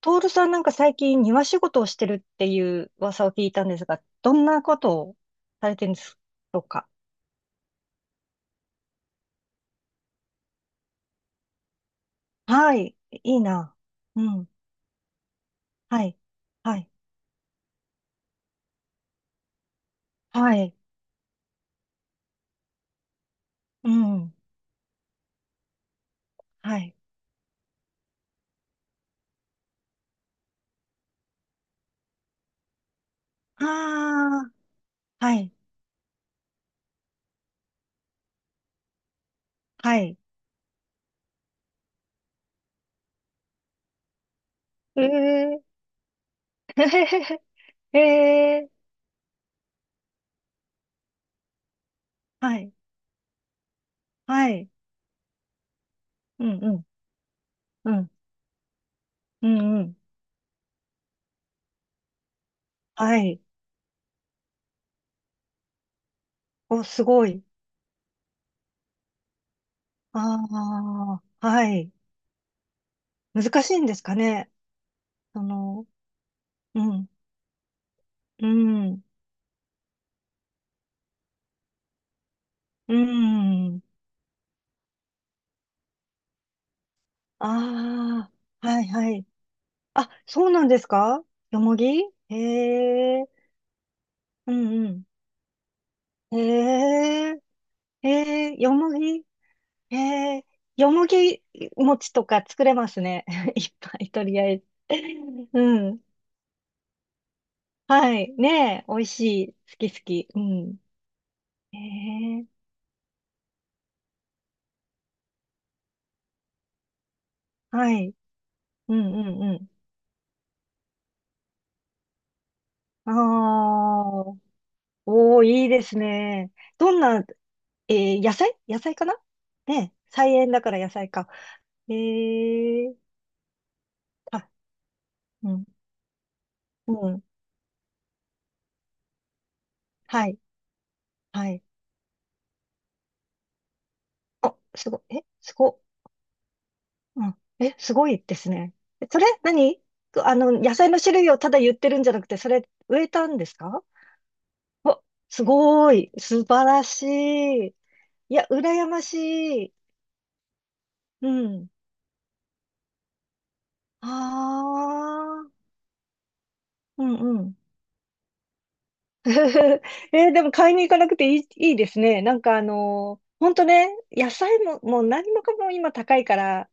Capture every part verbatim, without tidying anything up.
トールさんなんか最近庭仕事をしてるっていう噂を聞いたんですが、どんなことをされてるんですか？はい。いいな。うん。はい。はい。はい。うん。はい。ああ。はい。はい。ええー。ええー。はい。はい。うん。うん。うん。うんうん。はい。お、すごい。ああ。はい。難しいんですかね。その、うん。うん。うーん。ああ、はいはい。あ、そうなんですか？よもぎ？へえ、うんうん。へえ、へえ、よもぎ？へえ、よもぎ餅とか作れますね。いっぱい、とりあえず。うん。はい。ねえ、美味しい。好き好き。うん。へえ、はい。うんうんうん。ああ、おー、いいですね。どんな？えー、野菜野菜かな？ね、菜園だから野菜か。えー、あ、うん、うん、はい、はい。あ、すご、え、すご、うん、え、すごいですね。え、それ、何？くあの、野菜の種類をただ言ってるんじゃなくて、それ、植えたんですか？わ、すごい、素晴らしい。いや、羨ましい。うん。ああ、うん、うん。えーでも買いに行かなくていい、いいですね。なんかあのー、ほんとね、野菜も、もう何もかも今高いから、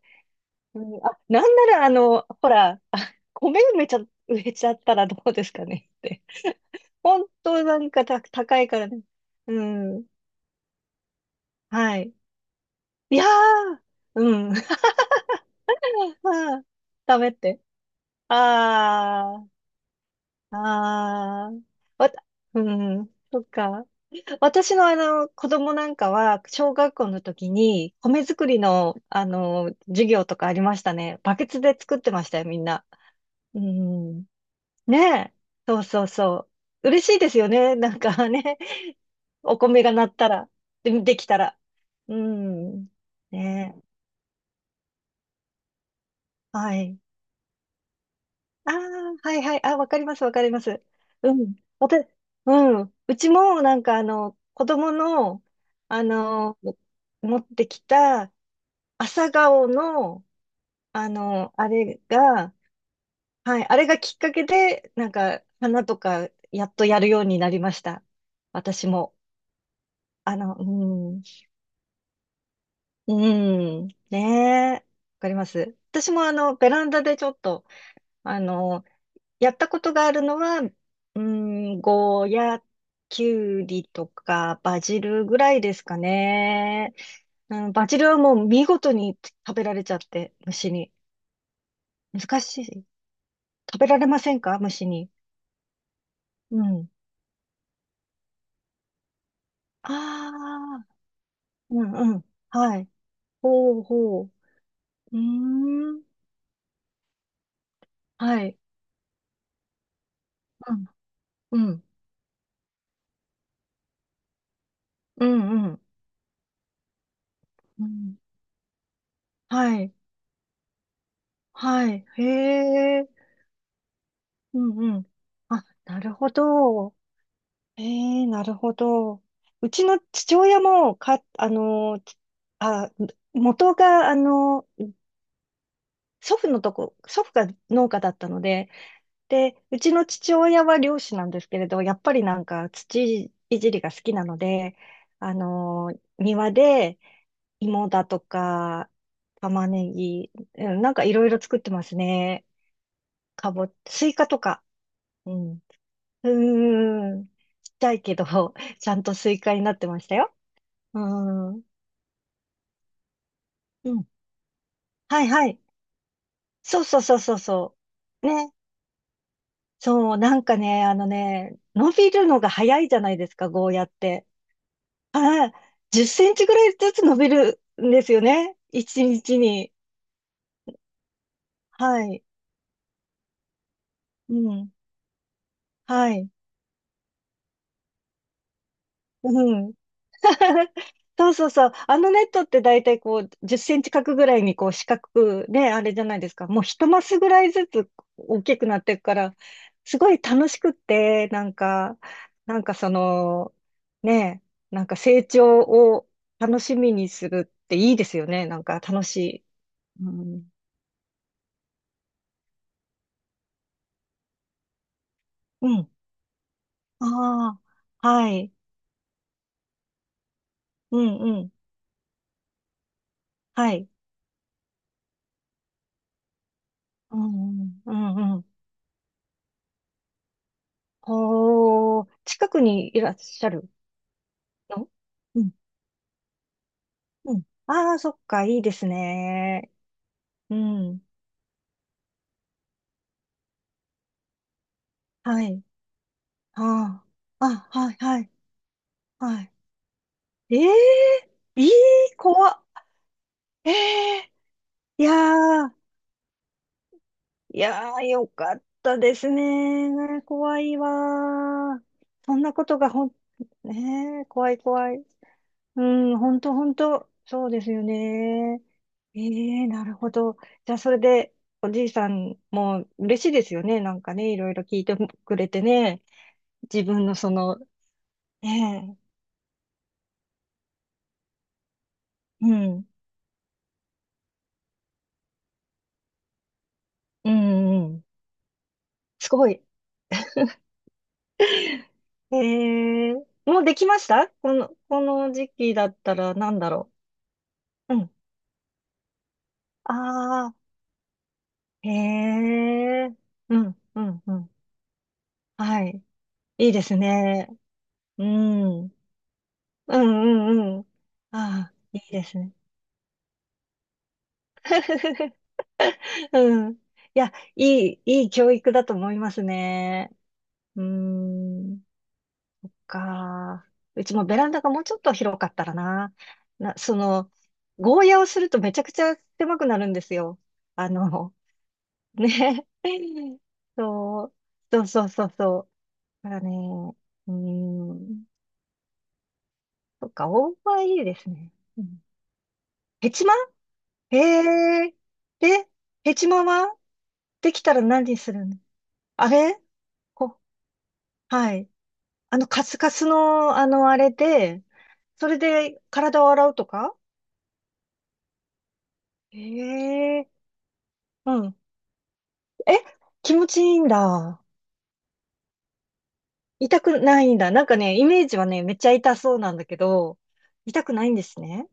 うん、あ、なんならあの、ほら、あ、米埋めちゃ、植えちゃったらどうですかねって。ほんとなんかた、高いからね。うん。はい。いやー、うん。ダメって。あー、あー。わた、うん。そっか。私のあの子供なんかは小学校の時に米作りのあの授業とかありましたね。バケツで作ってましたよ、みんな。うん。ねえ。そうそうそう。嬉しいですよね。なんかね。お米が鳴ったら、で、できたら。うん。ねえ。はい。ああ、はいはい。あ、わかります、わかります。うん。わた、うん。うちもなんかあの子供の、あの、持ってきた、朝顔の、あの、あれが、はい、あれがきっかけで、なんか、花とか、やっとやるようになりました。私も。あの、うん、うん、ねえ、わかります。私もあの、ベランダでちょっと、あの、やったことがあるのは、うん、ゴーヤ、キュウリとか、バジルぐらいですかね。うん、バジルはもう見事に食べられちゃって、虫に。難しい。食べられませんか、虫に？うん。ああ、うんうん。はい。ほうほう。うーん。はい。うん。うん。うんうん。うん。はい。はい。へえ。うんうん。あ、なるほど。へえ、なるほど。うちの父親も、か、あの、あ、元が、あの、祖父のとこ、祖父が農家だったので、で、うちの父親は漁師なんですけれど、やっぱりなんか土いじりが好きなので、あのー庭で芋だとか、玉ねぎ、うんなんかいろいろ作ってますね。かぼ、スイカとか。うん。うーん。ちっちゃいけど、ちゃんとスイカになってましたよ。うーん。うん。はいはい。そうそうそうそうそう。ね。そう、なんかね、あのね、伸びるのが早いじゃないですか、ゴーヤって。はい。じゅっセンチぐらいずつ伸びるんですよね。いちにちにちに。はい。うん。はい。うん。そうそうそう。あのネットって大体こう、じゅっセンチ角ぐらいにこう、四角くね、あれじゃないですか。もう一マスぐらいずつ大きくなっていくから、すごい楽しくって、なんか、なんかその、ね、なんか成長を楽しみにするっていいですよね。なんか楽しい。うん。うん。ああ、はい。うんうん。はい。うんうん、うんうん。ほー、近くにいらっしゃるの？うん、うん。ああ、そっか、いいですね。うん。はい。ああ、あ、はい、はい、はい。ええー、いい、怖っ。ええー、いやー、いやー、よかったですね。怖いわー。そんなことがほん、ねえ、怖い怖い。うん、本当本当そうですよね。ええ、なるほど。じゃあ、それで、おじいさんも嬉しいですよね。なんかね、いろいろ聞いてくれてね。自分のその、ねえ、うん、うん、うん。すごい。ええ、もうできました？この、この時期だったらなんだろう。うん。ああ、へえ、うん、うん、うん。はい。いいですね。うん。うんうんうん。ああ、いいですね。うん。いや、いい、いい教育だと思いますね。うーん。か。うちもベランダがもうちょっと広かったらな。な、その、ゴーヤをするとめちゃくちゃ狭くなるんですよ。あの、ね。そう、そうそうそうそう。だからね、うーん。そっか、大葉いいですね。うん、ヘチマ？へえ。で、ヘチマはできたら何するの？あれこ、はい。あの、カスカスの、あの、あれで、それで体を洗うとか？ええ、うん。え、気持ちいいんだ。痛くないんだ。なんかね、イメージはね、めっちゃ痛そうなんだけど、痛くないんですね。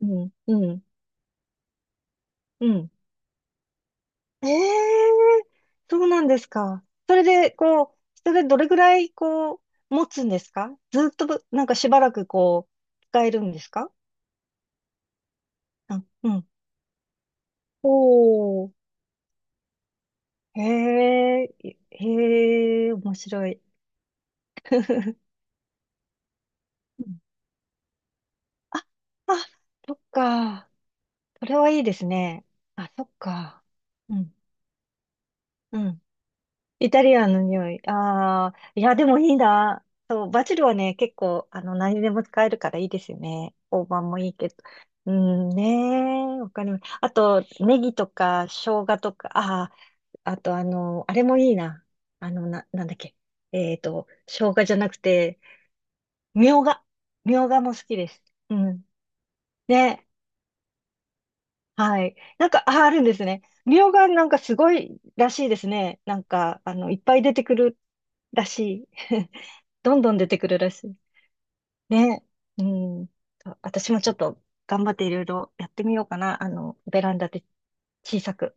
うん、うん、うん。ええ、そうなんですか。それで、こう、それどれぐらい、こう、持つんですか？ずっと、なんかしばらく、こう、使えるんですか？あ、うん。おー、へえ、いへえ、面白い。うん、あ、あ、そっか。それはいいですね。あ、そっか。うん、うん。イタリアンの匂い。ああ、いや、でもいいな。そう、バジルはね、結構、あの、何でも使えるからいいですよね。大判もいいけど。うん、ねえ、わかります。あと、ネギとか、生姜とか、ああ、あと、あの、あれもいいな。あの、な、なんだっけ。えっと、生姜じゃなくて、みょうが。みょうがも好きです。うん。ね、はい。なんか、あ、あるんですね。みょうがなんかすごいらしいですね。なんか、あの、いっぱい出てくるらしい。どんどん出てくるらしい。ね。うん。私もちょっと頑張っていろいろやってみようかな。あの、ベランダで小さく。